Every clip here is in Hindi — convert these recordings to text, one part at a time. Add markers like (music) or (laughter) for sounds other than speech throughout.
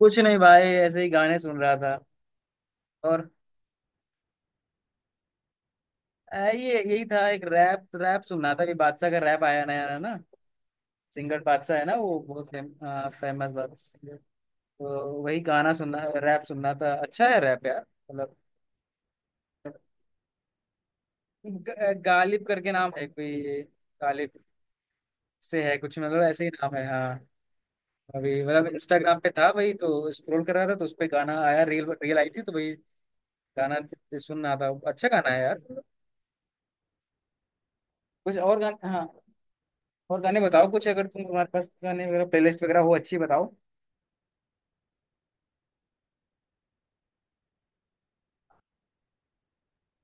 कुछ नहीं भाई, ऐसे ही गाने सुन रहा था और ये यही था। एक रैप रैप सुन रहा था कि बादशाह का रैप आया नया है ना। सिंगर बादशाह है ना, वो बहुत फेमस बात सिंगर। तो वही गाना सुनना, रैप सुनना था। अच्छा है रैप यार, मतलब। गालिब करके नाम है कोई, गालिब से है कुछ मतलब, ऐसे ही नाम है, हाँ। अभी मतलब इंस्टाग्राम पे था भाई, तो स्क्रॉल कर रहा था तो उस पे गाना आया, रील रील आई थी, तो भाई गाना सुन रहा था। अच्छा गाना है यार। कुछ और गाना। हाँ, और गाने बताओ कुछ, अगर तुम्हारे पास गाने वगैरह, प्लेलिस्ट वगैरह हो अच्छी, बताओ।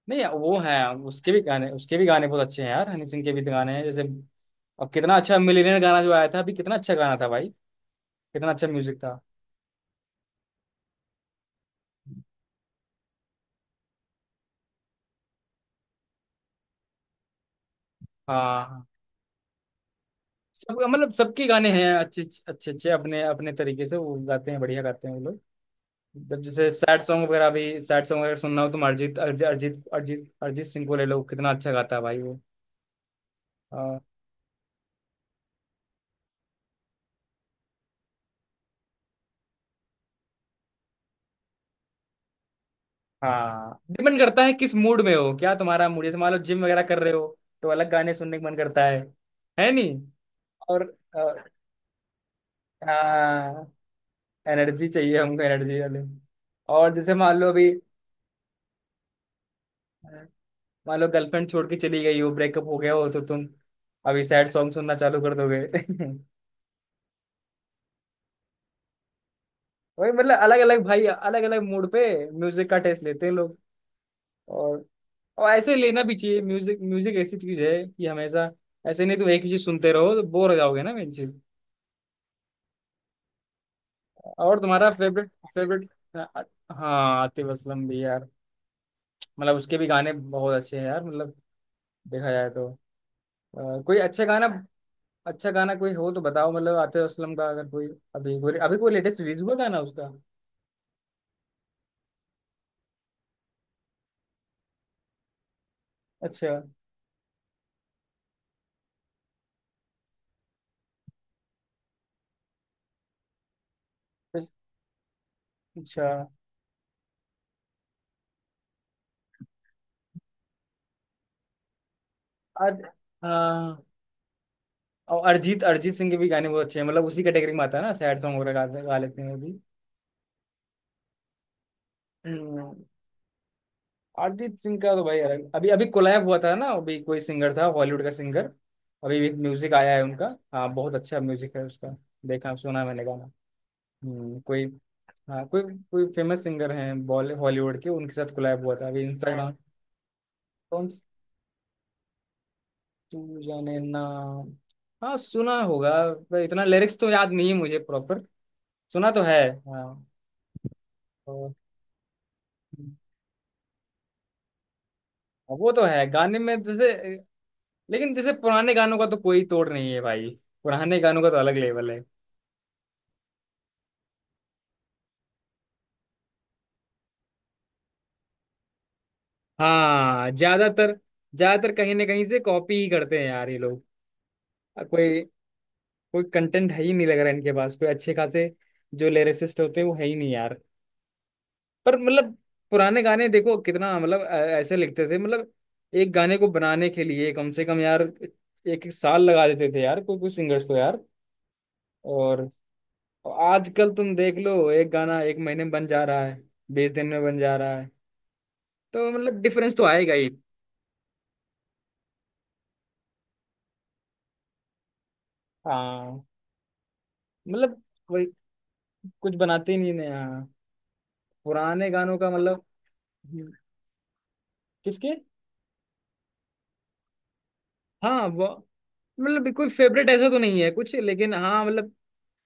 नहीं, वो है, उसके भी गाने बहुत अच्छे हैं यार, हनी सिंह के भी गाने हैं। जैसे अब कितना अच्छा मिलियनेयर गाना जो आया था अभी, कितना अच्छा गाना था भाई, कितना अच्छा म्यूजिक था। हाँ हाँ। सब मतलब सबके गाने हैं अच्छे। अच्छे अच्छे अपने अपने तरीके से वो गाते हैं, बढ़िया गाते हैं वो लोग। जब जैसे सैड सॉन्ग वगैरह सुनना हो, तुम अरिजीत अरिजीत अरिजीत अरिजीत अरिजीत सिंह को ले लो, कितना अच्छा गाता है भाई वो। हाँ। हाँ, डिपेंड करता है किस मूड में हो, क्या तुम्हारा मूड। जैसे मान लो जिम वगैरह कर रहे हो तो अलग गाने सुनने का मन करता है। है नहीं। और और- हाँ, एनर्जी चाहिए, हमको एनर्जी वाले। और जैसे मान लो अभी, मान लो गर्लफ्रेंड छोड़ के चली गई हो, ब्रेकअप हो गया हो, तो तुम अभी सैड सॉन्ग सुनना चालू कर दोगे। (laughs) वही मतलब, अलग अलग भाई, अलग अलग मूड पे म्यूजिक का टेस्ट लेते हैं लोग। और और ऐसे लेना भी चाहिए म्यूजिक। म्यूजिक ऐसी चीज है कि हमेशा ऐसे नहीं, तुम एक ही चीज सुनते रहो तो बोर हो जाओगे ना, मेन चीज। और तुम्हारा फेवरेट फेवरेट। हाँ, आतिफ असलम भी यार, मतलब उसके भी गाने बहुत अच्छे हैं यार, मतलब देखा जाए तो। कोई अच्छा गाना, अच्छा गाना कोई हो तो बताओ, मतलब आतिफ असलम का, अगर कोई अभी कोई अभी कोई लेटेस्ट रिलीज हुआ गाना उसका, अच्छा। बस- अच्छा। अर, हाँ। और अरिजीत अरिजीत सिंह के भी गाने बहुत अच्छे हैं, मतलब उसी कैटेगरी में आता है ना, सैड सॉन्ग वगैरह गा लेते हैं वो भी। हम्म। अरिजीत सिंह का तो भाई अलग, अभी अभी कोलैब हुआ था ना, अभी कोई सिंगर था हॉलीवुड का सिंगर। अभी एक म्यूजिक आया है उनका। हाँ, बहुत अच्छा म्यूजिक है उसका। देखा, सुना है मैंने गाना। कोई, हाँ, कोई, कोई फेमस सिंगर हैं बॉल हॉलीवुड के, उनके साथ कोलैब हुआ था अभी इंस्टाग्राम। कौन स- तू जाने ना। हाँ, सुना होगा, पर इतना लिरिक्स तो याद नहीं है मुझे प्रॉपर। सुना तो है, हाँ। तो, हाँ, वो तो है गाने में जैसे। लेकिन जैसे पुराने गानों का तो कोई तोड़ नहीं है भाई, पुराने गानों का तो अलग लेवल है। हाँ, ज्यादातर, ज्यादातर कहीं ना कहीं से कॉपी ही करते हैं यार ये लोग। कोई कोई कंटेंट है ही नहीं लग रहा है इनके पास, कोई अच्छे खासे जो लिरिसिस्ट होते हैं वो है ही नहीं यार। पर मतलब पुराने गाने देखो कितना मतलब, ऐसे लिखते थे मतलब, एक गाने को बनाने के लिए कम से कम यार एक 1 साल लगा देते थे यार, कोई कोई सिंगर्स तो यार। और आजकल तुम देख लो, एक गाना 1 महीने में बन जा रहा है, 20 दिन में बन जा रहा है, तो मतलब डिफरेंस तो आएगा ही। हाँ, मतलब कुछ बनाते ही नहीं नया, पुराने गानों का मतलब। हम्म। किसके? हाँ वो, मतलब कोई फेवरेट ऐसा तो नहीं है कुछ, लेकिन हाँ, मतलब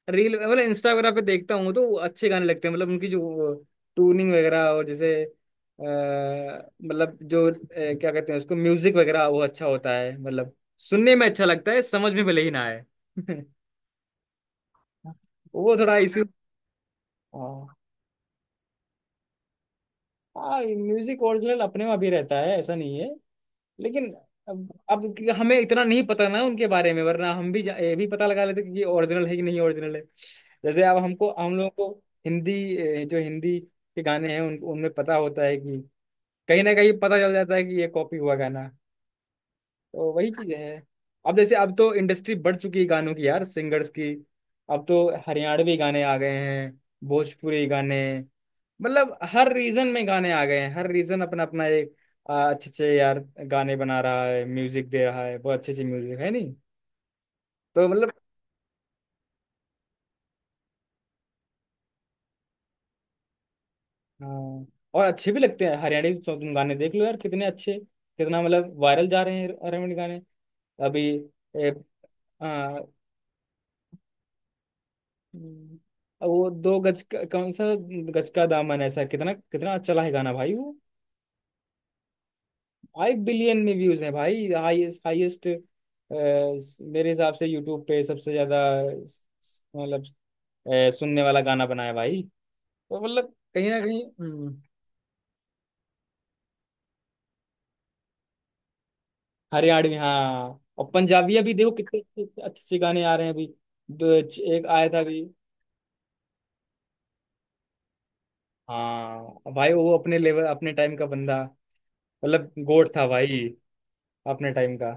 रील मतलब इंस्टा वगैरह पे देखता हूँ तो अच्छे गाने लगते हैं, मतलब उनकी जो ट्यूनिंग वगैरह, और जैसे मतलब जो क्या कहते हैं उसको, म्यूजिक वगैरह वो अच्छा होता है, मतलब सुनने में अच्छा लगता है, समझ में भले ही ना आए। (laughs) वो थोड़ा इश्यू। हाँ, म्यूजिक ओरिजिनल अपने में भी रहता है, ऐसा नहीं है लेकिन। अब क्योंकि हमें इतना नहीं पता ना उनके बारे में, वरना हम भी ये भी पता लगा लेते कि ये ओरिजिनल है कि नहीं, ओरिजिनल है। जैसे अब हमको, हम लोगों को हिंदी, जो हिंदी के गाने हैं उन उनमें पता होता है कि कहीं ना कहीं पता चल जाता है कि ये कॉपी हुआ गाना, तो वही चीजें हैं। अब जैसे, अब तो इंडस्ट्री बढ़ चुकी है गानों की यार, सिंगर्स की। अब तो हरियाणवी गाने आ गए हैं, भोजपुरी गाने, मतलब हर रीजन में गाने आ गए हैं, हर रीजन अपना अपना एक अच्छे अच्छे यार गाने बना रहा है, म्यूजिक दे रहा है, बहुत अच्छे अच्छे म्यूजिक है नहीं, तो मतलब। हाँ, और अच्छे भी लगते हैं हरियाणवी सॉन्ग, तुम गाने देख लो यार कितने अच्छे, कितना मतलब वायरल जा रहे हैं हरियाणवी गाने अभी। हम्म। अब वो 2 गज का, कौन सा गज का दामन, ऐसा कितना कितना अच्छा है गाना भाई वो। 5 बिलियन में व्यूज है भाई। हाईएस्ट हाईएस्ट, मेरे हिसाब से यूट्यूब पे सबसे ज्यादा मतलब सुनने वाला गाना बनाया भाई, तो मतलब कहीं ना कहीं, हरियाणवी हाँ। और पंजाबी अभी देखो कितने अच्छे अच्छे गाने आ रहे हैं अभी। एक आया था अभी। हाँ भाई, वो अपने लेवल, अपने टाइम का बंदा, मतलब गोट था भाई अपने टाइम का।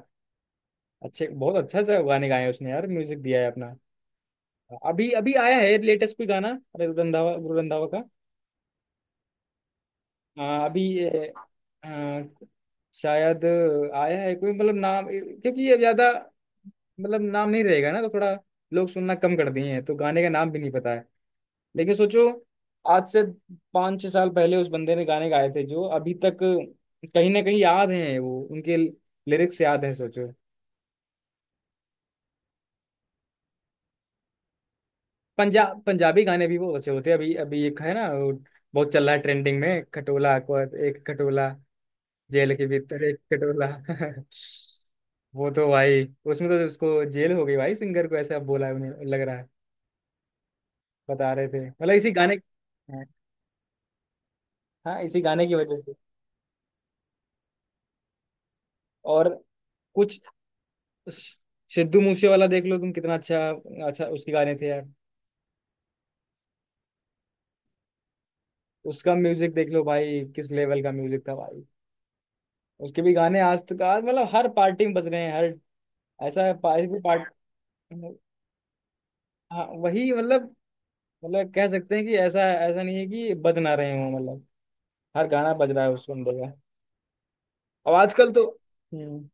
अच्छे बहुत अच्छा सा गाने गाए हैं उसने यार, म्यूजिक दिया है अपना। अभी अभी आया है लेटेस्ट कोई गाना। अरे रंधावा, गुरु रंधावा का। अभी ये, आ, शायद आया है कोई, मतलब नाम, क्योंकि ये ज्यादा मतलब नाम नहीं रहेगा ना तो थोड़ा लोग सुनना कम कर दिए हैं, तो गाने का नाम भी नहीं पता है। लेकिन सोचो, आज से 5-6 साल पहले उस बंदे ने गाने गाए थे जो अभी तक कहीं ना कहीं याद हैं वो, उनके लिरिक्स याद हैं, सोचो। पंजाबी गाने भी बहुत अच्छे होते हैं। अभी अभी एक है ना वो, बहुत चल रहा है ट्रेंडिंग में, खटोला अकबर, एक खटोला जेल के भीतर एक खटोला। (laughs) वो तो भाई, उसमें तो उसको जेल हो गई भाई सिंगर को, ऐसा बोला है, उन्हें लग रहा है, बता रहे थे, मतलब इसी गाने। हाँ, हाँ, इसी गाने की वजह से। और कुछ स- सिद्धू मूसे वाला देख लो तुम, कितना अच्छा, अच्छा उसके गाने थे यार। उसका म्यूजिक देख लो भाई, किस लेवल का म्यूजिक था भाई। उसके भी गाने आज तक, आज मतलब हर पार्टी में बज रहे हैं, हर ऐसा पार्टी, मतलब, हाँ वही मतलब, मतलब कह सकते हैं कि ऐसा, ऐसा नहीं है कि बज ना रहे हों, मतलब हर गाना बज रहा है, उसको सुन रहे हैं। और आजकल तो, हम्म,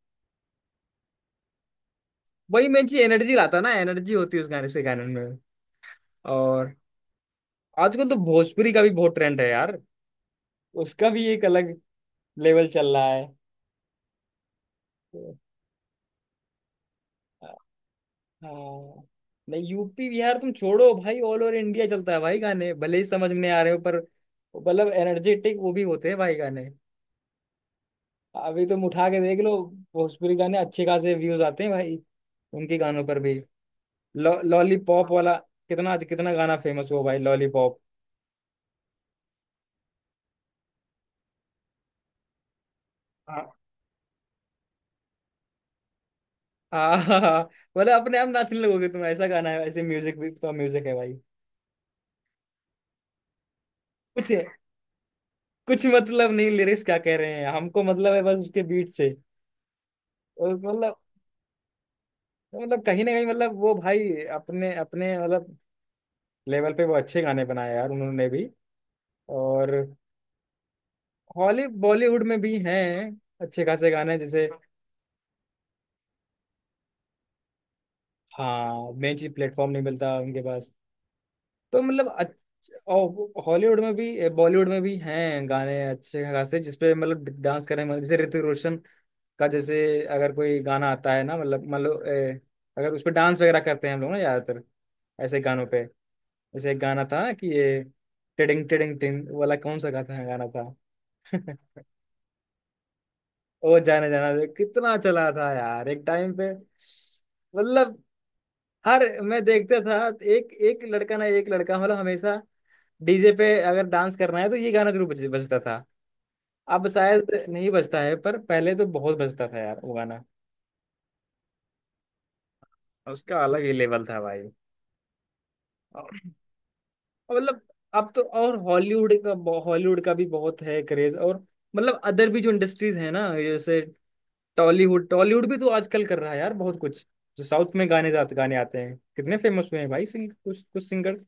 वही मेन चीज, एनर्जी लाता है ना, एनर्जी होती है उस गाने से, गाने में। और आजकल तो भोजपुरी का भी बहुत ट्रेंड है यार, उसका भी एक अलग लेवल चल रहा है, तो। हाँ नहीं, यूपी बिहार तुम छोड़ो भाई, ऑल ओवर इंडिया चलता है भाई, गाने भले ही समझ में आ रहे हो पर, मतलब एनर्जेटिक वो भी होते हैं भाई गाने। अभी तुम उठा के देख लो, भोजपुरी गाने अच्छे खासे व्यूज आते हैं भाई उनके गानों पर भी। लॉ लॉलीपॉप वाला कितना, कितना गाना फेमस हुआ भाई लॉलीपॉप। हाँ। (laughs) आहा, मतलब अपने आप नाचने लगोगे तुम, ऐसा गाना है, ऐसे म्यूजिक भी तो म्यूजिक है भाई। कुछ कुछ मतलब नहीं लिरिक्स क्या कह रहे हैं, हमको मतलब है बस उसके बीट से। और मतलब, मतलब कहीं ना कहीं मतलब वो भाई, अपने अपने मतलब लेवल पे वो अच्छे गाने बनाए यार उन्होंने भी। और हॉली बॉलीवुड में भी हैं अच्छे खासे गाने जैसे। हाँ, मेन चीज प्लेटफॉर्म नहीं मिलता उनके पास। तो मतलब और हॉलीवुड में भी, बॉलीवुड में भी हैं गाने अच्छे खासे जिसपे मतलब डांस करें, मतलब जैसे ऋतिक रोशन का, जैसे अगर कोई गाना आता है ना, मतलब, मतलब अगर उस पर डांस वगैरह करते हैं हम लोग ना, ज्यादातर ऐसे गानों पे, जैसे एक गाना था कि ये टिडिंग टिडिंग टिंग वाला, कौन सा गाता है गाना था। (laughs) ओ जाने जाना कितना चला था यार एक टाइम पे, मतलब हर, मैं देखता था, एक एक लड़का ना, एक लड़का मतलब हमेशा डीजे पे, अगर डांस करना है तो ये गाना जरूर बजता था। अब शायद नहीं बजता है पर पहले तो बहुत बजता था यार वो गाना, उसका अलग ही लेवल था भाई। और- मतलब अब तो, और हॉलीवुड का, हॉलीवुड का भी बहुत है क्रेज, और मतलब अदर भी जो इंडस्ट्रीज है ना, जैसे टॉलीवुड, टॉलीवुड भी तो आजकल कर रहा है यार बहुत कुछ। जो साउथ में गाने जाते, गाने आते हैं, कितने फेमस हुए हैं भाई, कुछ कुछ सिंगर्स।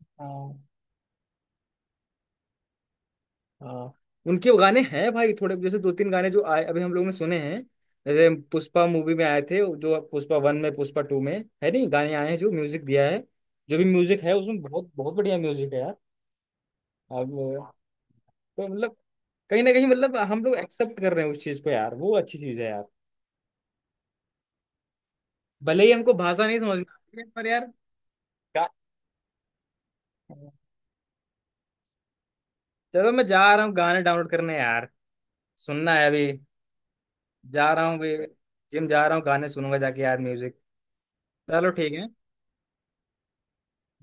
हाँ हाँ। उनके गाने हैं भाई थोड़े, जैसे दो तीन गाने जो आए अभी हम लोग ने सुने हैं, जैसे पुष्पा मूवी में आए थे, जो पुष्पा 1 में, पुष्पा 2 में है नहीं, गाने आए हैं जो म्यूजिक दिया है, जो भी म्यूजिक है उसमें बहुत बहुत बढ़िया म्यूजिक है यार। अब तो मतलब कहीं ना कहीं मतलब हम लोग एक्सेप्ट कर रहे हैं उस चीज को यार, वो अच्छी चीज है यार, भले ही हमको भाषा नहीं समझ में आती है पर यार। गा- चलो मैं जा रहा हूँ गाने डाउनलोड करने यार, सुनना है अभी। जा रहा हूँ अभी, जिम जा रहा हूँ, गाने सुनूंगा जाके यार म्यूजिक। चलो ठीक है।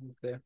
Okay.